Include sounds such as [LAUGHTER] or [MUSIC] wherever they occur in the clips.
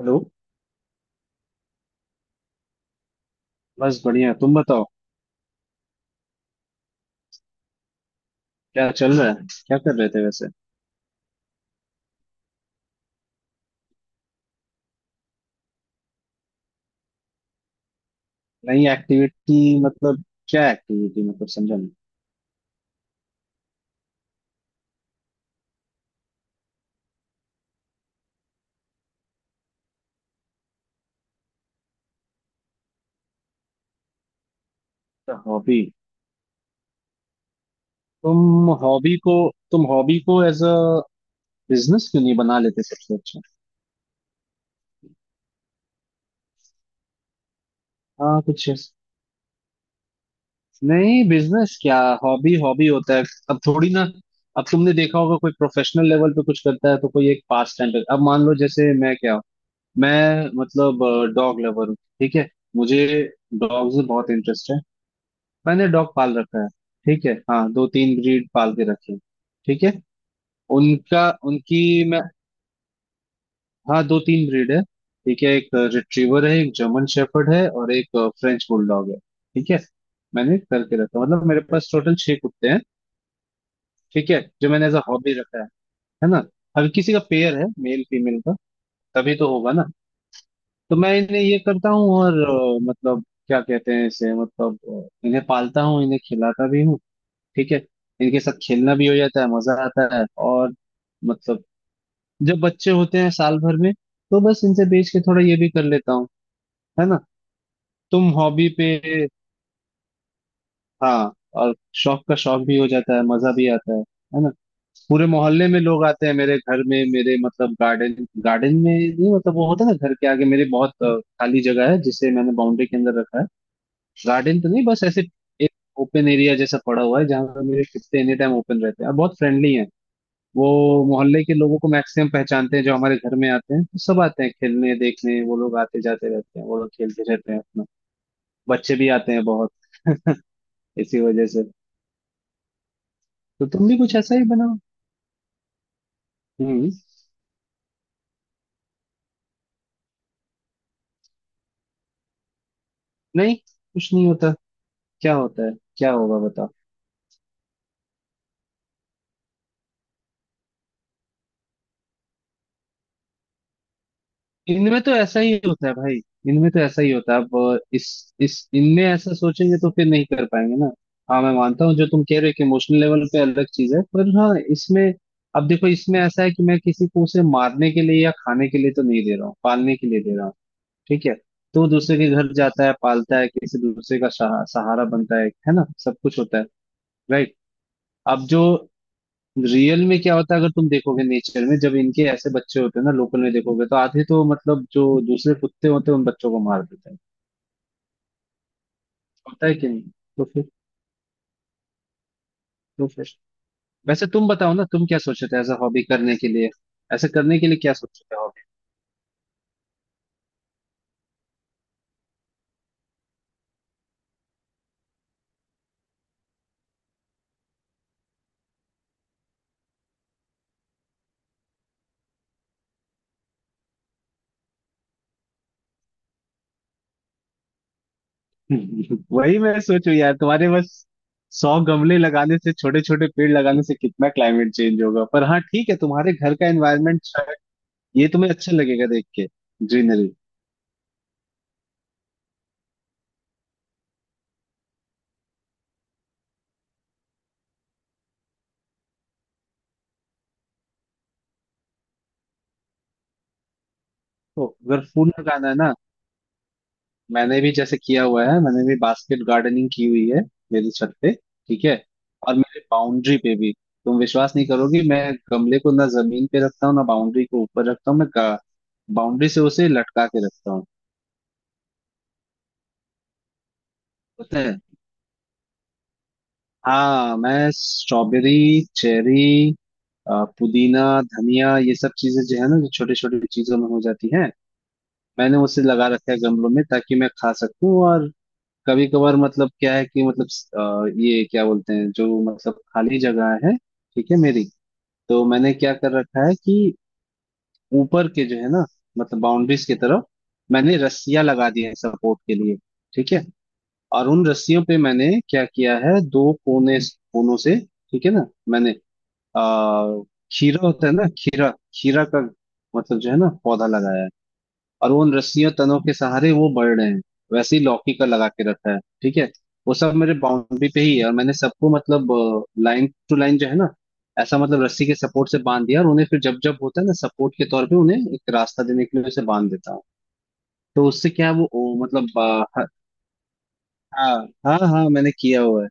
Hello. बस बढ़िया, तुम बताओ। क्या चल रहा है, क्या कर रहे थे वैसे? नई एक्टिविटी, मतलब क्या एक्टिविटी? मतलब समझा नहीं। हॉबी? तुम हॉबी को तुम हॉबी को एज अ बिजनेस क्यों नहीं बना लेते, सबसे अच्छा। हाँ, नहीं, बिजनेस क्या? हॉबी हॉबी होता है। अब थोड़ी ना। अब तुमने देखा होगा कोई प्रोफेशनल लेवल पे कुछ करता है तो कोई एक पास टाइम पे। अब मान लो जैसे मैं क्या हूँ, मैं मतलब डॉग लवर हूँ, ठीक है। मुझे डॉग्स में बहुत इंटरेस्ट है। मैंने डॉग पाल रखा है, ठीक है। हाँ, दो तीन ब्रीड पाल के रखे हैं, ठीक है। उनका उनकी मैं, हाँ दो तीन ब्रीड है, ठीक है। एक रिट्रीवर है, एक जर्मन शेफर्ड है और एक फ्रेंच बुलडॉग है, ठीक है। मैंने करके रखा, मतलब मेरे पास टोटल छह कुत्ते हैं, ठीक है, जो मैंने एज अ हॉबी रखा है ना। हर किसी का पेयर है, मेल फीमेल का, तभी तो होगा ना। तो मैं इन्हें ये करता हूँ और मतलब क्या कहते हैं इसे, मतलब इन्हें पालता हूँ, इन्हें खिलाता भी हूँ, ठीक है। इनके साथ खेलना भी हो जाता है, मजा आता है, और मतलब जब बच्चे होते हैं साल भर में तो बस इनसे बेच के थोड़ा ये भी कर लेता हूँ, है ना। तुम हॉबी पे। हाँ, और शौक का शौक भी हो जाता है, मजा भी आता है ना। पूरे मोहल्ले में लोग आते हैं मेरे घर में, मेरे मतलब गार्डन, गार्डन में नहीं, मतलब वो होता है ना घर के आगे मेरी बहुत खाली जगह है जिसे मैंने बाउंड्री के अंदर रखा है। गार्डन तो नहीं, बस ऐसे एक ओपन एरिया जैसा पड़ा हुआ है जहाँ पर मेरे कुत्ते एनी टाइम ओपन रहते हैं और बहुत फ्रेंडली हैं। वो मोहल्ले के लोगों को मैक्सिमम पहचानते हैं, जो हमारे घर में आते हैं तो सब आते हैं खेलने देखने। वो लोग आते जाते रहते हैं, वो लोग खेलते रहते हैं अपना। बच्चे भी आते हैं बहुत [LAUGHS] इसी वजह से, तो तुम भी कुछ ऐसा ही बनाओ। हम्म। नहीं, कुछ नहीं होता। क्या होता है? क्या होगा? बताओ। इनमें तो ऐसा ही होता है भाई। इनमें तो ऐसा ही होता है। अब इस इनमें ऐसा सोचेंगे तो फिर नहीं कर पाएंगे ना। हाँ मैं मानता हूँ जो तुम कह रहे हो कि इमोशनल लेवल पे अलग चीज है, पर हाँ इसमें अब देखो, इसमें ऐसा है कि मैं किसी को उसे मारने के लिए या खाने के लिए तो नहीं दे रहा हूँ, पालने के लिए दे रहा हूँ, ठीक है। तो वो दूसरे के घर जाता है, पालता है, किसी दूसरे का सहारा बनता है ना, सब कुछ होता है, राइट। अब जो रियल में क्या होता है, अगर तुम देखोगे नेचर में, जब इनके ऐसे बच्चे होते हैं ना लोकल में देखोगे, तो आधे तो मतलब जो दूसरे कुत्ते होते हैं उन बच्चों को मार देते हैं, होता है कि नहीं। तो फिर तो फिर वैसे तुम बताओ ना, तुम क्या सोचे थे एज अ हॉबी करने के लिए? ऐसे करने के लिए क्या सोचे थे? हॉबी [LAUGHS] वही मैं सोचू, यार तुम्हारे बस 100 गमले लगाने से, छोटे छोटे पेड़ लगाने से कितना क्लाइमेट चेंज होगा। पर हाँ, ठीक है, तुम्हारे घर का एनवायरनमेंट, ये तुम्हें अच्छा लगेगा देख के, ग्रीनरी। तो अगर फूल लगाना है ना, मैंने भी जैसे किया हुआ है, मैंने भी बास्केट गार्डनिंग की हुई है मेरी छत पे, ठीक है। और मेरे बाउंड्री पे भी। तुम विश्वास नहीं करोगी, मैं गमले को ना जमीन पे रखता हूँ ना बाउंड्री को ऊपर रखता हूँ, मैं बाउंड्री से उसे लटका के रखता हूँ। पता है, हाँ। मैं स्ट्रॉबेरी, चेरी, पुदीना, धनिया, ये सब चीजें जो है ना, जो छोटी छोटी चीजों में हो जाती हैं, मैंने उसे लगा रखा है गमलों में ताकि मैं खा सकूं। और कभी कभार मतलब क्या है कि मतलब ये क्या बोलते हैं जो, मतलब खाली जगह है ठीक है मेरी, तो मैंने क्या कर रखा है कि ऊपर के जो है ना, मतलब बाउंड्रीज की तरफ, मैंने रस्सियां लगा दी है सपोर्ट के लिए, ठीक है। और उन रस्सियों पे मैंने क्या किया है, दो कोने कोनों से, ठीक है ना। मैंने आ खीरा होता है ना, खीरा। खीरा का मतलब जो है ना पौधा लगाया है, और वो उन रस्सियों तनों के सहारे वो बढ़ रहे हैं। वैसे ही लौकी का लगा के रखा है, ठीक है। वो सब मेरे बाउंड्री पे ही है, और मैंने सबको मतलब लाइन टू लाइन जो है ना, ऐसा मतलब रस्सी के सपोर्ट से बांध दिया, और उन्हें फिर जब जब होता है ना सपोर्ट के तौर पे, उन्हें एक रास्ता देने के लिए उसे बांध देता हूँ। तो उससे क्या है, वो ओ, मतलब आ, हाँ हाँ हाँ, मैंने किया हुआ है।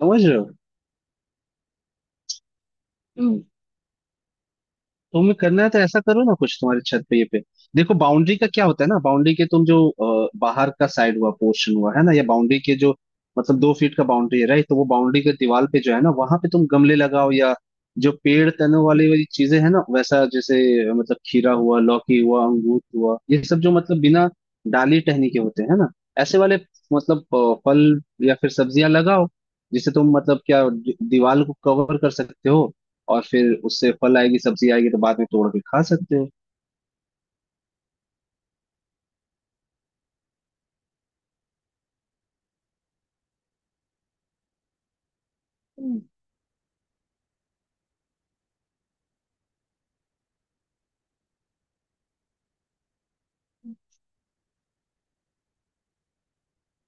समझ रहे हो, तुम्हें करना है तो ऐसा करो ना, कुछ तुम्हारे छत पे ये पे। देखो बाउंड्री का क्या होता है ना, बाउंड्री के तुम जो बाहर का साइड हुआ पोर्शन हुआ है ना, या बाउंड्री के जो मतलब 2 फीट का बाउंड्री है, राइट। तो वो बाउंड्री के दीवार पे जो है ना, वहां पे तुम गमले लगाओ, या जो पेड़ तनों वाली वाली चीजें है ना, वैसा जैसे मतलब खीरा हुआ, लौकी हुआ, अंगूर हुआ, ये सब जो मतलब बिना डाली टहनी के होते हैं ना, ऐसे वाले, मतलब फल या फिर सब्जियां लगाओ, जिससे तुम मतलब क्या, दीवार को कवर कर सकते हो, और फिर उससे फल आएगी, सब्जी आएगी, तो बाद में तोड़ के खा सकते हो।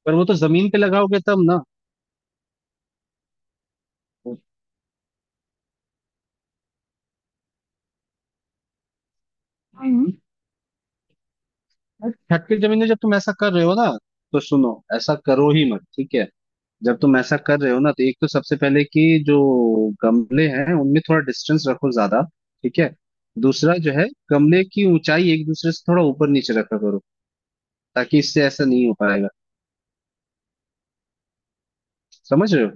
पर वो तो जमीन पे लगाओगे तब ना। हम्म। छत की जमीन में जब तुम ऐसा कर रहे हो ना, तो सुनो ऐसा करो ही मत, ठीक है। जब तुम ऐसा कर रहे हो ना, तो एक तो सबसे पहले कि जो गमले हैं उनमें थोड़ा डिस्टेंस रखो ज्यादा, ठीक है। दूसरा जो है, गमले की ऊंचाई एक दूसरे से थोड़ा ऊपर नीचे रखा करो, ताकि इससे ऐसा नहीं हो पाएगा। समझ रहे हो,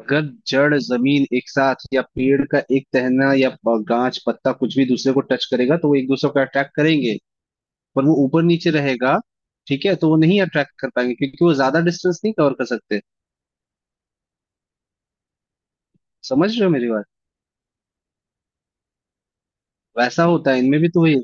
अगर जड़ जमीन एक साथ या पेड़ का एक टहना या गांच पत्ता कुछ भी दूसरे को टच करेगा, तो वो एक दूसरे को अट्रैक्ट करेंगे, पर वो ऊपर नीचे रहेगा, ठीक है, तो वो नहीं अट्रैक्ट कर पाएंगे, क्योंकि वो ज्यादा डिस्टेंस नहीं कवर कर सकते। समझ रहे हो मेरी बात, वैसा होता है इनमें भी, तो वही।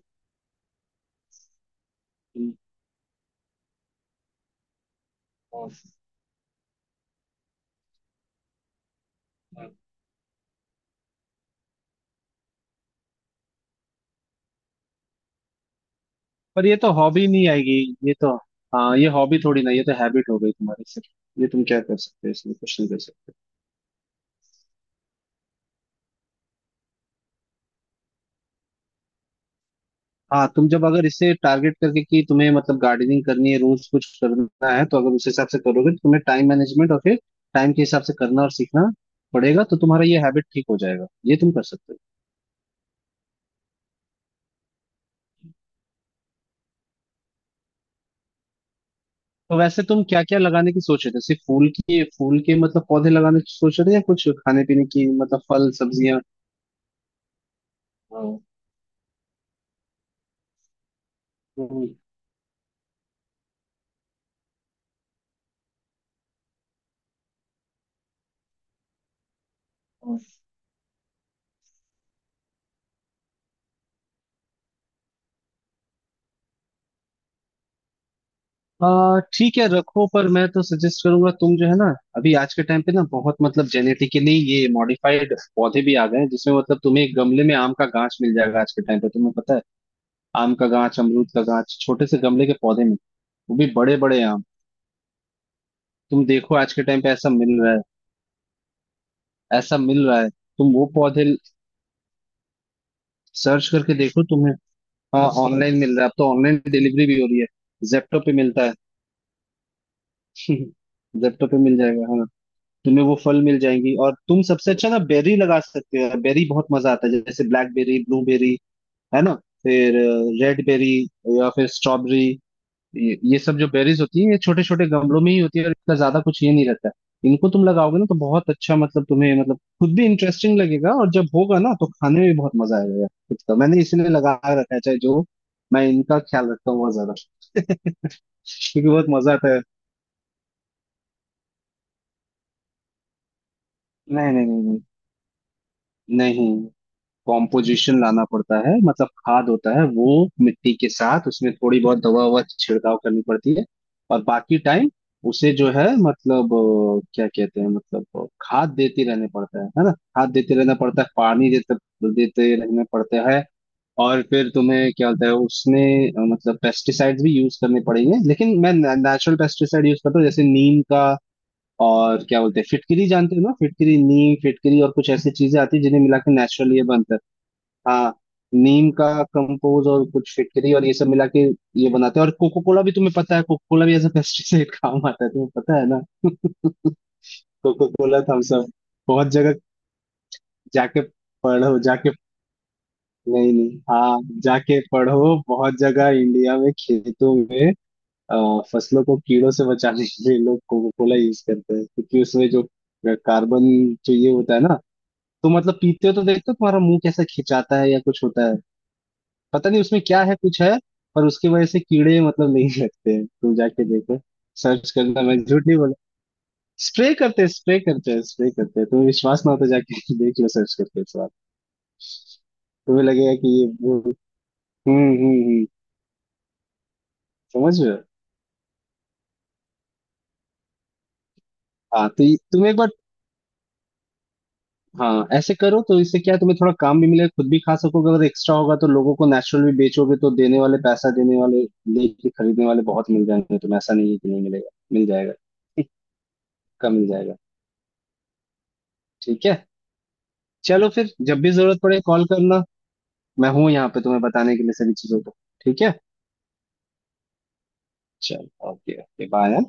पर ये तो हॉबी नहीं आएगी, ये तो, हाँ ये हॉबी थोड़ी ना, ये तो हैबिट हो गई तुम्हारी सिर्फ, ये तुम क्या कर सकते हो, इसमें कुछ नहीं कर सकते। हाँ तुम जब अगर इसे टारगेट करके कि तुम्हें मतलब गार्डनिंग करनी है रोज कुछ करना है, तो अगर उस हिसाब से करोगे तो तुम्हें टाइम मैनेजमेंट और फिर टाइम के हिसाब से करना और सीखना पड़ेगा, तो तुम्हारा ये हैबिट ठीक हो जाएगा, ये तुम कर सकते हो। तो वैसे तुम क्या क्या लगाने की सोच रहे थे? सिर्फ फूल की, फूल के मतलब पौधे लगाने की सोच रहे थे, या कुछ खाने पीने की, मतलब फल सब्जियां? हाँ। हम्म, ठीक है रखो, पर मैं तो सजेस्ट करूंगा, तुम जो है ना, अभी आज के टाइम पे ना, बहुत मतलब जेनेटिकली ये मॉडिफाइड पौधे भी आ गए हैं, जिसमें मतलब तुम्हें एक गमले में आम का गांच मिल जाएगा आज के टाइम पे, तुम्हें पता है। आम का गांच, अमरूद का गांच छोटे से गमले के पौधे में, वो भी बड़े बड़े आम। तुम देखो आज के टाइम पे ऐसा मिल रहा है, ऐसा मिल रहा है, तुम वो पौधे सर्च करके देखो तुम्हें। हाँ ऑनलाइन मिल रहा है, अब तो ऑनलाइन डिलीवरी भी हो रही है, जेप्टो पे मिलता है। [LAUGHS] जेप्टो पे मिल जाएगा हाँ। तुम्हें वो फल मिल जाएंगी, और तुम सबसे अच्छा ना बेरी लगा सकते हो। बेरी बहुत मजा आता है, जैसे ब्लैकबेरी, ब्लूबेरी, है ना, फिर रेड बेरी, या फिर स्ट्रॉबेरी। ये सब जो बेरीज होती है, ये छोटे छोटे गमलों में ही होती है, और इतना ज्यादा कुछ ये नहीं रहता है, इनको तुम लगाओगे ना तो बहुत अच्छा, मतलब तुम्हें मतलब खुद भी इंटरेस्टिंग लगेगा, और जब होगा ना तो खाने में भी बहुत मजा आएगा यार, खुद का, मैंने इसीलिए लगा रखा है, चाहे जो। मैं इनका ख्याल रखता हूँ बहुत ज्यादा [LAUGHS] क्योंकि बहुत मजा आता है। नहीं नहीं नहीं, नहीं नहीं, कॉम्पोजिशन लाना पड़ता है, मतलब खाद होता है वो, मिट्टी के साथ उसमें थोड़ी बहुत दवा ववा छिड़काव करनी पड़ती है, और बाकी टाइम उसे जो है, मतलब क्या कहते हैं, मतलब खाद देते रहने पड़ता है ना, खाद देते रहना पड़ता है, पानी देते देते रहने पड़ते हैं। और फिर तुम्हें क्या होता है उसमें मतलब पेस्टिसाइड्स भी यूज करने पड़ेंगे, लेकिन मैं नेचुरल पेस्टिसाइड यूज करता हूँ, जैसे नीम का। और क्या बोलते हैं, फिटकरी जानते हो ना, फिटकरी, नीम फिटकरी और कुछ ऐसी चीजें आती है जिन्हें मिला के नेचुरल ये बनता है। हाँ, नीम का कंपोज और कुछ फिटकरी और ये सब मिला के ये बनाते हैं। और कोको कोला भी, तुम्हें पता है, कोको कोला भी एज अ पेस्टिसाइड [LAUGHS] काम आता है, तुम्हें पता है ना, कोको कोला, थम्स अप। बहुत जगह जाके पढ़ो, जाके। नहीं नहीं, हाँ, जाके पढ़ो बहुत जगह। इंडिया में खेतों में फसलों को कीड़ों से बचाने के लिए लोग कोको कोला यूज करते हैं, क्योंकि उसमें जो कार्बन जो ये होता है ना, तो मतलब पीते हो तो देखते हो तुम्हारा मुंह कैसा खिंचाता है या कुछ होता है, पता नहीं उसमें क्या है, कुछ है, पर उसकी वजह से कीड़े मतलब नहीं लगते हैं, तुम जाके देखो। सर्च करना, मैं झूठ नहीं बोला। स्प्रे करते हैं, स्प्रे करते हैं, स्प्रे करते हैं, तुम्हें विश्वास ना हो तो जाके [LAUGHS] देख लो, सर्च करके इस बार। तुम्हें लगेगा कि ये वो। हम्म। समझ रहे हो, हाँ तो तुम एक बार। हाँ ऐसे करो, तो इससे क्या है, तुम्हें थोड़ा काम भी मिलेगा, खुद भी खा सकोगे, अगर एक्स्ट्रा होगा तो लोगों को नेचुरल भी बेचोगे, तो देने वाले, पैसा देने वाले, लेके खरीदने वाले बहुत मिल जाएंगे तुम्हें, ऐसा नहीं है कि नहीं मिलेगा, मिल जाएगा [LAUGHS] का, मिल जाएगा, ठीक है। चलो फिर जब भी जरूरत पड़े कॉल करना, मैं हूँ यहाँ पे तुम्हें बताने के लिए सभी चीजों को, ठीक है। चलो, ओके ओके बाय।